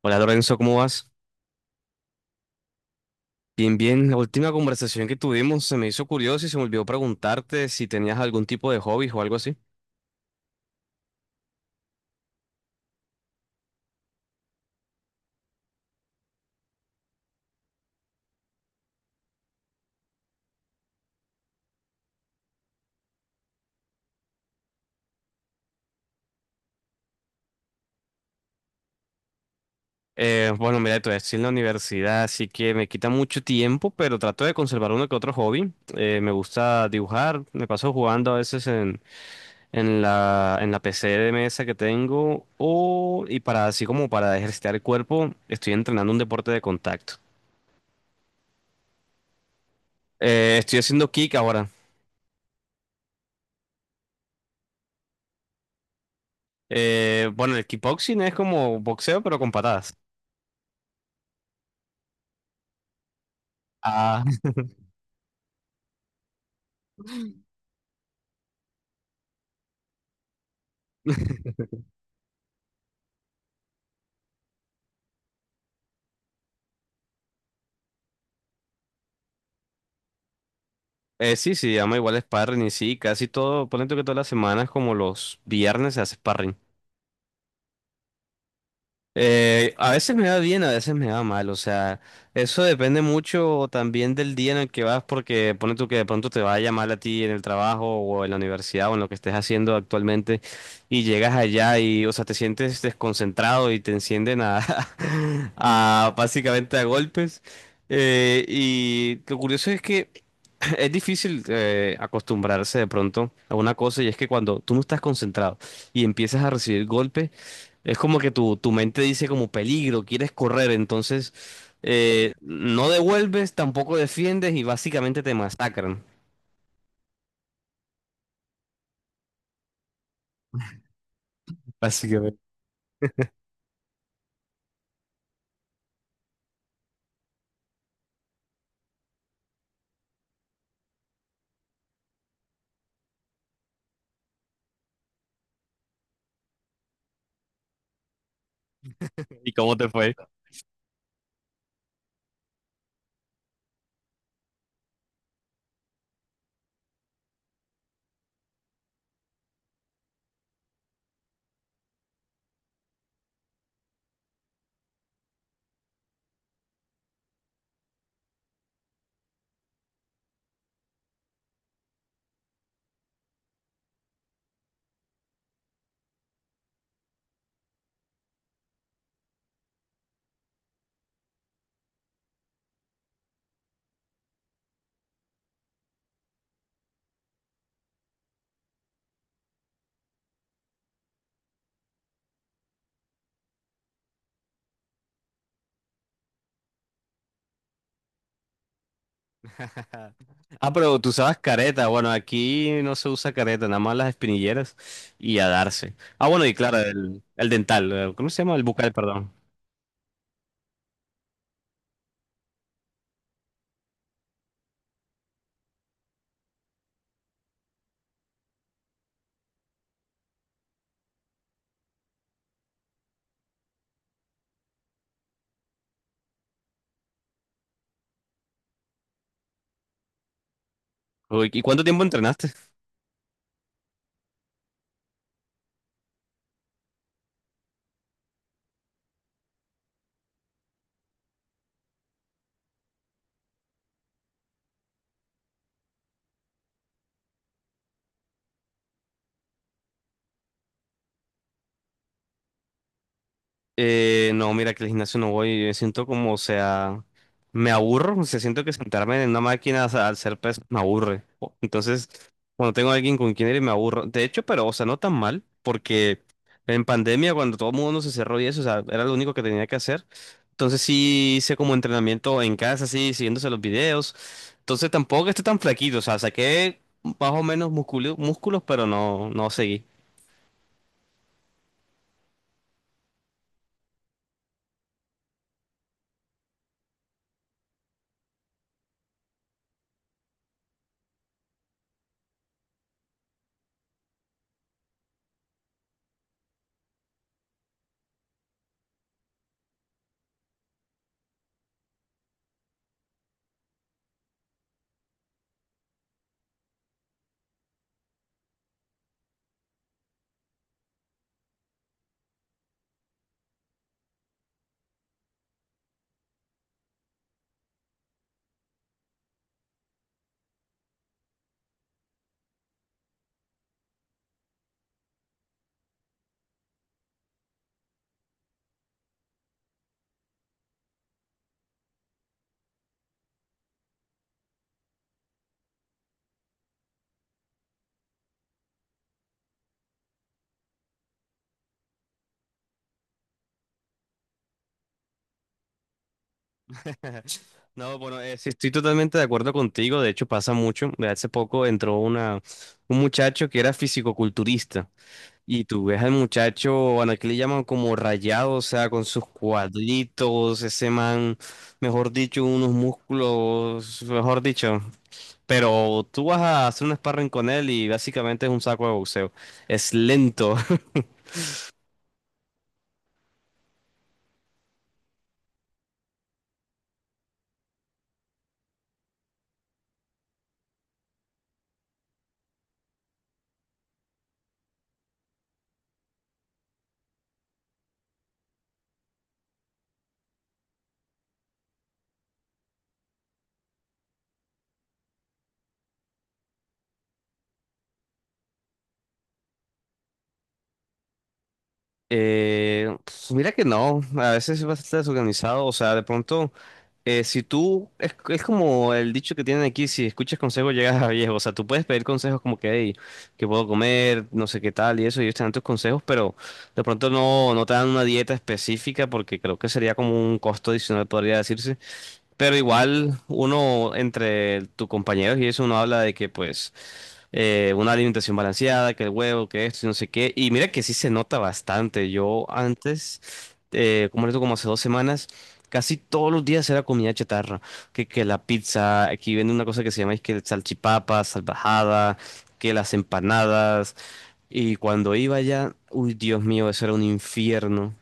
Hola Lorenzo, ¿cómo vas? Bien, bien. La última conversación que tuvimos se me hizo curioso y se me olvidó preguntarte si tenías algún tipo de hobby o algo así. Bueno, mira, todavía estoy en la universidad, así que me quita mucho tiempo, pero trato de conservar uno que otro hobby. Me gusta dibujar, me paso jugando a veces en la PC de mesa que tengo, y para así como para ejercitar el cuerpo, estoy entrenando un deporte de contacto. Estoy haciendo kick ahora. Bueno, el kickboxing es como boxeo, pero con patadas. Ah, sí, sí, llama igual sparring y sí, casi todo, ponente que todas las semanas, como los viernes se hace sparring. A veces me va bien, a veces me va mal, o sea, eso depende mucho también del día en el que vas, porque pone tú que de pronto te vaya mal a ti en el trabajo o en la universidad o en lo que estés haciendo actualmente y llegas allá y, o sea, te sientes desconcentrado y te encienden a básicamente a golpes. Y lo curioso es que es difícil acostumbrarse de pronto a una cosa y es que cuando tú no estás concentrado y empiezas a recibir golpes, es como que tu mente dice como peligro, quieres correr, entonces no devuelves, tampoco defiendes y básicamente te masacran. Básicamente. ¿Y cómo te fue? Ah, pero tú usabas careta. Bueno, aquí no se usa careta, nada más las espinilleras y a darse. Ah, bueno, y claro, el dental. ¿Cómo se llama? El bucal, perdón. Uy, ¿y cuánto tiempo entrenaste? No, mira que el gimnasio no voy, yo siento como, o sea, me aburro, o sea, siento que sentarme en una máquina o sea, al ser pez me aburre. Entonces, cuando tengo a alguien con quien ir me aburro. De hecho, pero, o sea, no tan mal, porque en pandemia cuando todo el mundo se cerró y eso, o sea, era lo único que tenía que hacer. Entonces sí hice como entrenamiento en casa, así, siguiéndose los videos. Entonces tampoco estoy tan flaquito, o sea, saqué más o menos músculos, pero no, no seguí. No, bueno, sí, estoy totalmente de acuerdo contigo. De hecho, pasa mucho. De Hace poco entró un muchacho que era fisicoculturista. Y tú ves al muchacho, bueno, aquí le llaman como rayado, o sea, con sus cuadritos, ese man, mejor dicho, unos músculos, mejor dicho. Pero tú vas a hacer un sparring con él y básicamente es un saco de boxeo. Es lento. Pues, mira que no, a veces es bastante desorganizado, o sea, de pronto, si tú, es como el dicho que tienen aquí, si escuchas consejos llegas a viejo, o sea, tú puedes pedir consejos como que, hey, que puedo comer, no sé qué tal y eso, y ellos te dan tus consejos, pero de pronto no, no te dan una dieta específica porque creo que sería como un costo adicional, podría decirse. Pero igual uno entre tus compañeros y eso uno habla de que pues una alimentación balanceada, que el huevo, que esto y no sé qué. Y mira que sí se nota bastante. Yo antes, como esto como hace 2 semanas, casi todos los días era comida chatarra. Que la pizza, aquí vende una cosa que se llama es que el salchipapa, salvajada, que las empanadas. Y cuando iba allá, uy Dios mío, eso era un infierno.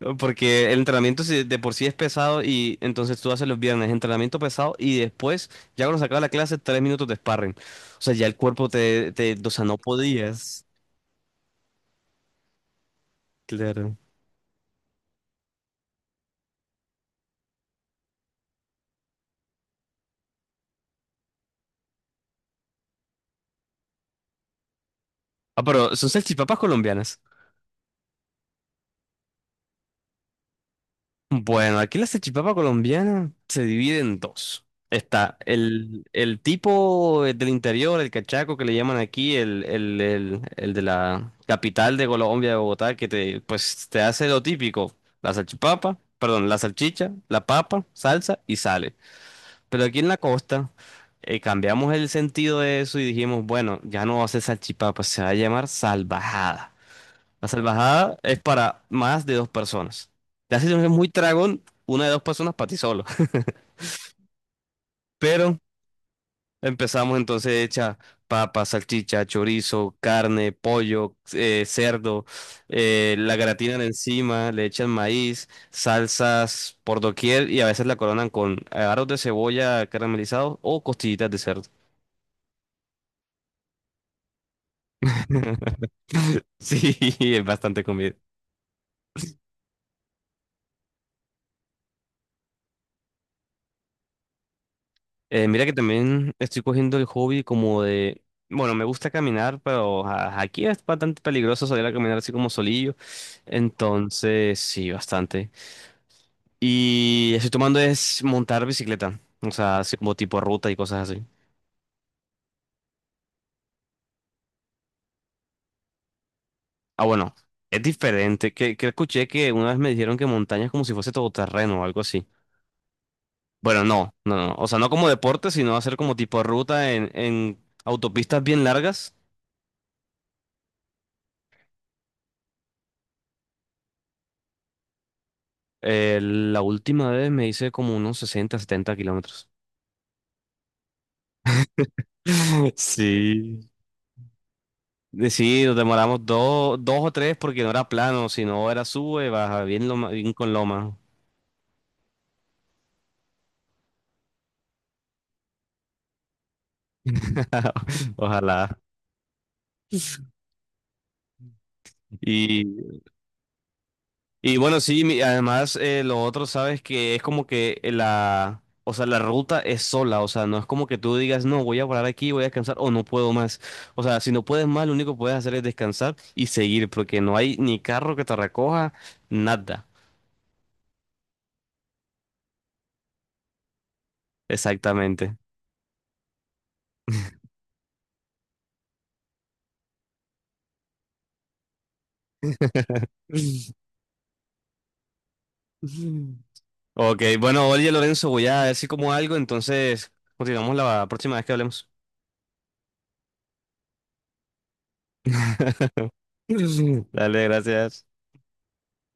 ¿No? Porque el entrenamiento sí- de por sí es pesado y entonces tú haces los viernes entrenamiento pesado y después, ya cuando se acaba la clase, 3 minutos de sparring. O sea, ya el cuerpo te, o sea, no podías. Claro. Ah, pero son salchipapas colombianas. Bueno, aquí la salchipapa colombiana se divide en dos. Está el tipo del interior, el cachaco que le llaman aquí, el de la capital de Colombia, de Bogotá, que te, pues, te hace lo típico, la salchipapa, perdón, la salchicha, la papa, salsa y sale. Pero aquí en la costa cambiamos el sentido de eso y dijimos, bueno, ya no va a ser salchipapa, se va a llamar salvajada. La salvajada es para más de dos personas. La situación es muy tragón, una de dos personas para ti solo. Pero empezamos entonces hecha papa, salchicha, chorizo, carne, pollo, cerdo, la gratinan encima, le echan maíz, salsas por doquier y a veces la coronan con aros de cebolla caramelizados o costillitas de cerdo. Sí, es bastante comida. Mira que también estoy cogiendo el hobby como de, bueno, me gusta caminar, pero aquí es bastante peligroso salir a caminar así como solillo. Entonces, sí, bastante. Y estoy tomando es montar bicicleta, o sea, así como tipo ruta y cosas así. Ah, bueno, es diferente. Que escuché que una vez me dijeron que montaña es como si fuese todoterreno o algo así. Bueno, no, no, no. O sea, no como deporte, sino hacer como tipo ruta en autopistas bien largas. La última vez me hice como unos 60-70 kilómetros. Sí. Sí, nos demoramos dos o tres porque no era plano, sino era sube, baja, bien, bien con loma. Ojalá. Y Y bueno, sí, además lo otro, sabes que es como que la, o sea, la ruta es sola, o sea, no es como que tú digas, no, voy a parar aquí, voy a descansar o no puedo más. O sea, si no puedes más, lo único que puedes hacer es descansar y seguir, porque no hay ni carro que te recoja, nada. Exactamente. Ok, bueno, oye Lorenzo, voy a ver si como algo, entonces continuamos la próxima vez que hablemos. Dale, gracias.